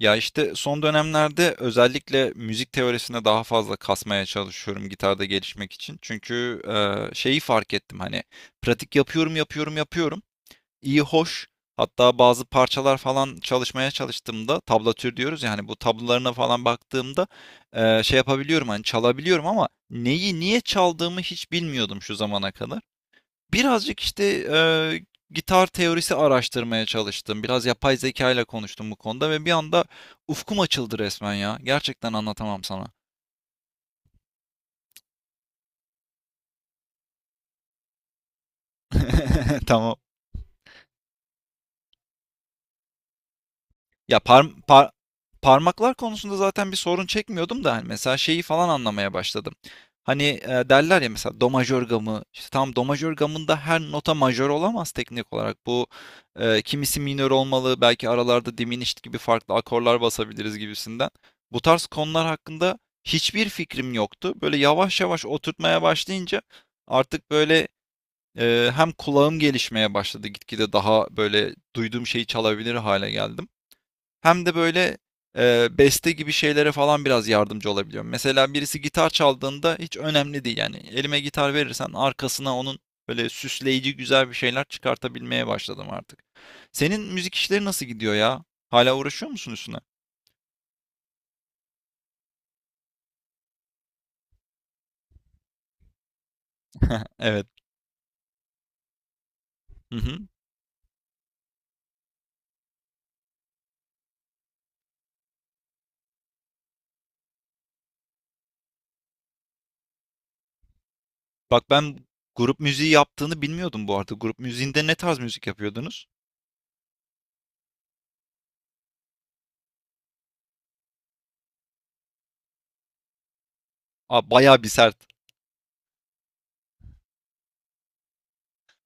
Ya işte son dönemlerde özellikle müzik teorisine daha fazla kasmaya çalışıyorum gitarda gelişmek için. Çünkü şeyi fark ettim hani pratik yapıyorum yapıyorum yapıyorum. İyi hoş. Hatta bazı parçalar falan çalışmaya çalıştığımda tablatür diyoruz ya hani bu tablolarına falan baktığımda şey yapabiliyorum hani çalabiliyorum ama neyi niye çaldığımı hiç bilmiyordum şu zamana kadar. Birazcık işte gitar teorisi araştırmaya çalıştım. Biraz yapay zeka ile konuştum bu konuda ve bir anda ufkum açıldı resmen ya. Gerçekten anlatamam sana. Tamam. Ya parmaklar konusunda zaten bir sorun çekmiyordum da hani mesela şeyi falan anlamaya başladım. Hani, derler ya mesela do majör gamı, işte tamam do majör gamında her nota majör olamaz teknik olarak. Bu, kimisi minör olmalı, belki aralarda diminished gibi farklı akorlar basabiliriz gibisinden. Bu tarz konular hakkında hiçbir fikrim yoktu. Böyle yavaş yavaş oturtmaya başlayınca artık böyle, hem kulağım gelişmeye başladı. Gitgide daha böyle duyduğum şeyi çalabilir hale geldim. Hem de böyle, beste gibi şeylere falan biraz yardımcı olabiliyorum. Mesela birisi gitar çaldığında hiç önemli değil yani. Elime gitar verirsen arkasına onun böyle süsleyici güzel bir şeyler çıkartabilmeye başladım artık. Senin müzik işleri nasıl gidiyor ya? Hala uğraşıyor musun üstüne? Evet. Hı hı. Bak ben grup müziği yaptığını bilmiyordum bu arada. Grup müziğinde ne tarz müzik yapıyordunuz? A, bayağı bir sert.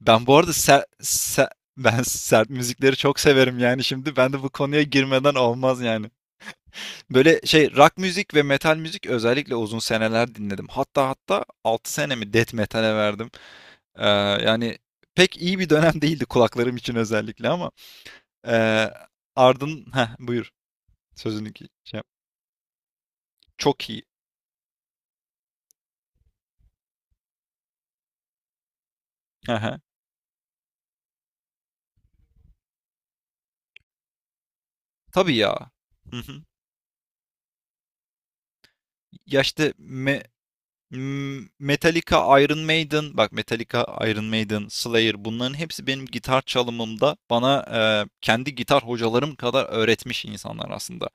Ben bu arada ser se ben sert müzikleri çok severim yani şimdi. Ben de bu konuya girmeden olmaz yani. Böyle şey rock müzik ve metal müzik özellikle uzun seneler dinledim. Hatta 6 senemi death metal'e verdim. Ee, yani pek iyi bir dönem değildi kulaklarım için özellikle ama ee, buyur sözünü şey yap. Çok iyi. Hı hı. Tabii ya. Hı hı. Ya işte Metallica, Iron Maiden, bak Metallica, Iron Maiden, Slayer bunların hepsi benim gitar çalımımda bana kendi gitar hocalarım kadar öğretmiş insanlar aslında.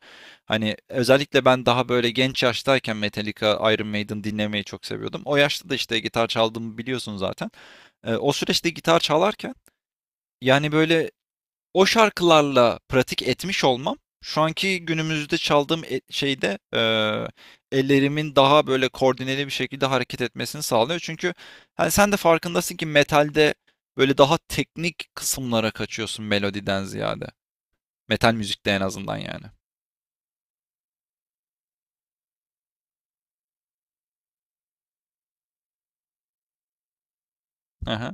Hani özellikle ben daha böyle genç yaştayken Metallica, Iron Maiden dinlemeyi çok seviyordum. O yaşta da işte gitar çaldığımı biliyorsun zaten. O süreçte gitar çalarken yani böyle o şarkılarla pratik etmiş olmam, şu anki günümüzde çaldığım şeyde ellerimin daha böyle koordineli bir şekilde hareket etmesini sağlıyor. Çünkü hani sen de farkındasın ki metalde böyle daha teknik kısımlara kaçıyorsun melodiden ziyade. Metal müzikte en azından yani. Aha.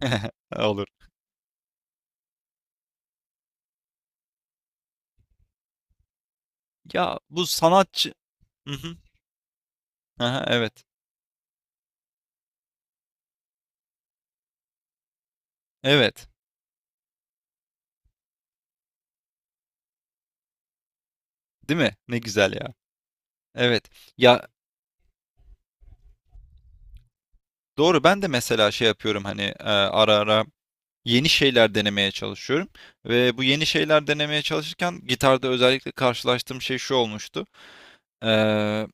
Olur. Ya bu sanatçı... Hı hı. Aha, evet. Evet. Değil mi? Ne güzel ya. Evet. Ya doğru ben de mesela şey yapıyorum hani ara ara yeni şeyler denemeye çalışıyorum. Ve bu yeni şeyler denemeye çalışırken gitarda özellikle karşılaştığım şey şu olmuştu. Ee,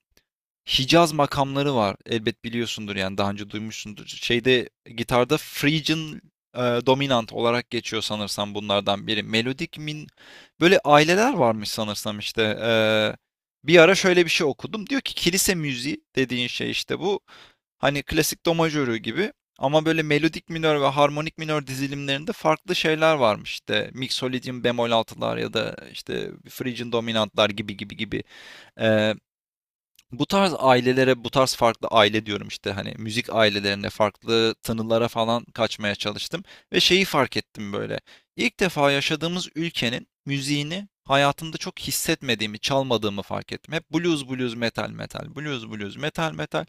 Hicaz makamları var. Elbet biliyorsundur yani daha önce duymuşsundur. Şeyde gitarda Phrygian dominant olarak geçiyor sanırsam bunlardan biri. Melodik böyle aileler varmış sanırsam işte. Bir ara şöyle bir şey okudum. Diyor ki kilise müziği dediğin şey işte bu. Hani klasik do majörü gibi ama böyle melodik minör ve harmonik minör dizilimlerinde farklı şeyler varmış. İşte Mixolydian bemol altılar ya da işte Phrygian dominantlar gibi gibi gibi. Ee, bu tarz ailelere, bu tarz farklı aile diyorum işte hani müzik ailelerine, farklı tınılara falan kaçmaya çalıştım ve şeyi fark ettim böyle. İlk defa yaşadığımız ülkenin müziğini hayatımda çok hissetmediğimi, çalmadığımı fark ettim. Hep blues, blues, metal, metal, blues, blues, metal, metal.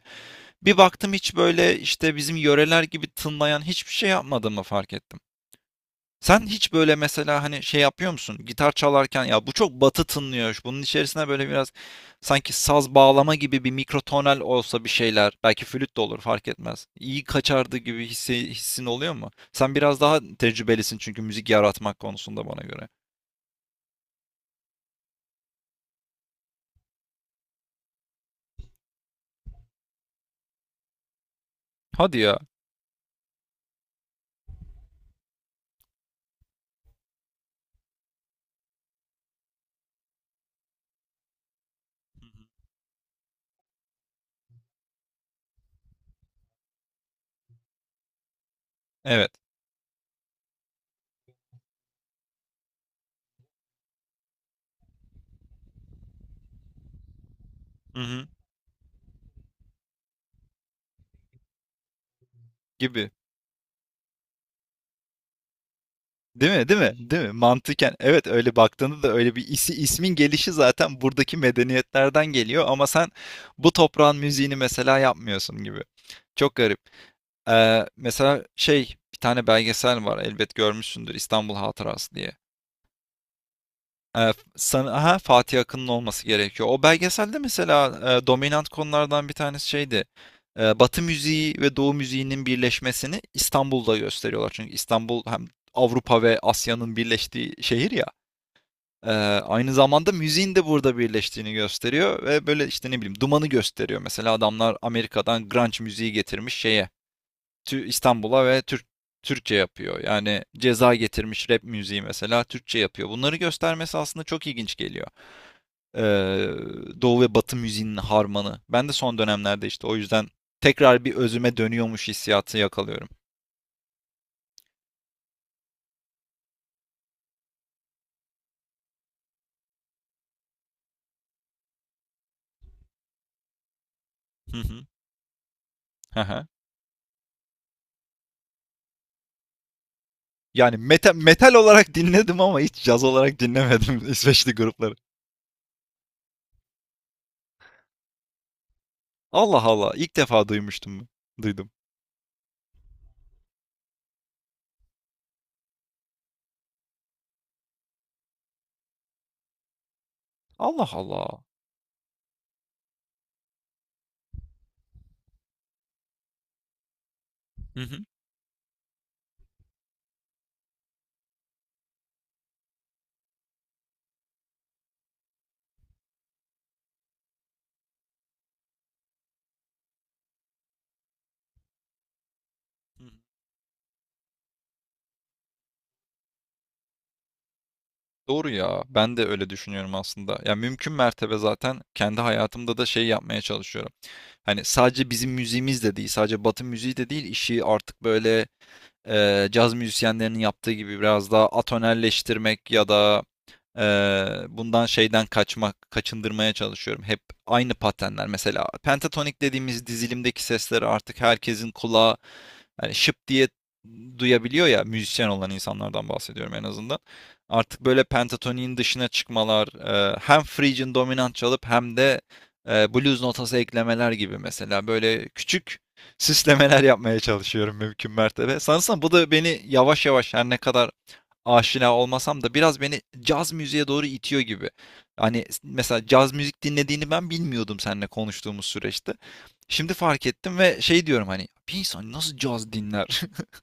Bir baktım hiç böyle işte bizim yöreler gibi tınlayan hiçbir şey yapmadığımı fark ettim. Sen hiç böyle mesela hani şey yapıyor musun? Gitar çalarken ya bu çok batı tınlıyor. Bunun içerisine böyle biraz sanki saz bağlama gibi bir mikrotonal olsa bir şeyler. Belki flüt de olur fark etmez. İyi kaçardı gibi hissin oluyor mu? Sen biraz daha tecrübelisin çünkü müzik yaratmak konusunda bana göre. Hadi ya. Evet. Hı hı. Gibi. Değil mi? Değil mi? Değil mi? Mantıken evet öyle baktığında da öyle bir ismin gelişi zaten buradaki medeniyetlerden geliyor ama sen bu toprağın müziğini mesela yapmıyorsun gibi. Çok garip. Mesela şey bir tane belgesel var elbet görmüşsündür İstanbul Hatırası diye. Sana, aha, Fatih Akın'ın olması gerekiyor. O belgeselde mesela dominant konulardan bir tanesi şeydi. Batı müziği ve Doğu müziğinin birleşmesini İstanbul'da gösteriyorlar. Çünkü İstanbul hem Avrupa ve Asya'nın birleştiği şehir ya. Ee, aynı zamanda müziğin de burada birleştiğini gösteriyor ve böyle işte ne bileyim dumanı gösteriyor. Mesela adamlar Amerika'dan grunge müziği getirmiş şeye İstanbul'a ve Türkçe yapıyor. Yani Ceza getirmiş rap müziği mesela Türkçe yapıyor. Bunları göstermesi aslında çok ilginç geliyor. Ee, Doğu ve Batı müziğinin harmanı. Ben de son dönemlerde işte o yüzden tekrar bir özüme dönüyormuş hissiyatı yakalıyorum. Hı hı. Hı hı. Yani metal olarak dinledim ama hiç caz olarak dinlemedim İsveçli grupları. Allah Allah. İlk defa duymuştum. Duydum. Allah Allah. Hı hı. Hı hı. Doğru ya. Ben de öyle düşünüyorum aslında. Ya mümkün mertebe zaten kendi hayatımda da şey yapmaya çalışıyorum. Hani sadece bizim müziğimiz de değil, sadece Batı müziği de değil, işi artık böyle caz müzisyenlerinin yaptığı gibi biraz daha atonelleştirmek ya da bundan şeyden kaçmak, kaçındırmaya çalışıyorum. Hep aynı patenler. Mesela pentatonik dediğimiz dizilimdeki sesleri artık herkesin kulağı hani şıp diye duyabiliyor ya müzisyen olan insanlardan bahsediyorum en azından. Artık böyle pentatoniğin dışına çıkmalar, hem Phrygian dominant çalıp hem de blues notası eklemeler gibi mesela böyle küçük süslemeler yapmaya çalışıyorum mümkün mertebe. Sanırsam bu da beni yavaş yavaş her ne kadar aşina olmasam da biraz beni caz müziğe doğru itiyor gibi. Hani mesela caz müzik dinlediğini ben bilmiyordum seninle konuştuğumuz süreçte. Şimdi fark ettim ve şey diyorum hani bir insan nasıl caz dinler?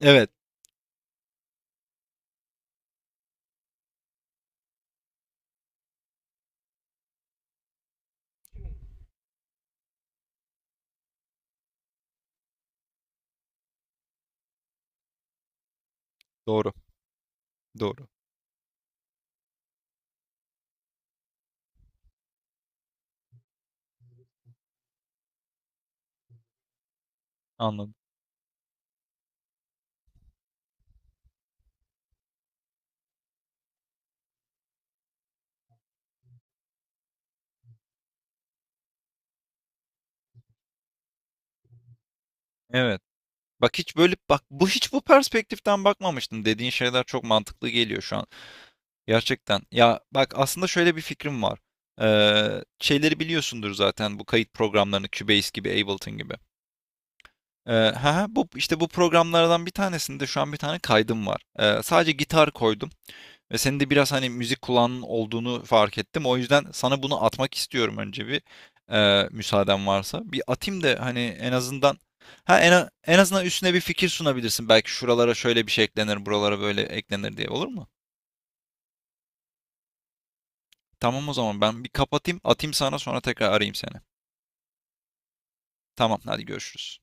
Evet, doğru, doğru. Anladım. Evet. Bak hiç böyle bak bu hiç bu perspektiften bakmamıştım. Dediğin şeyler çok mantıklı geliyor şu an. Gerçekten. Ya bak aslında şöyle bir fikrim var. Şeyleri biliyorsundur zaten bu kayıt programlarını Cubase gibi, Ableton gibi. Ha, bu işte bu programlardan bir tanesinde şu an bir tane kaydım var. Sadece gitar koydum ve senin de biraz hani müzik kulağının olduğunu fark ettim. O yüzden sana bunu atmak istiyorum önce bir müsaaden varsa. Bir atayım da hani en azından ha en, a- en azından üstüne bir fikir sunabilirsin. Belki şuralara şöyle bir şey eklenir, buralara böyle eklenir diye olur mu? Tamam o zaman ben bir kapatayım, atayım sana sonra tekrar arayayım seni. Tamam hadi görüşürüz.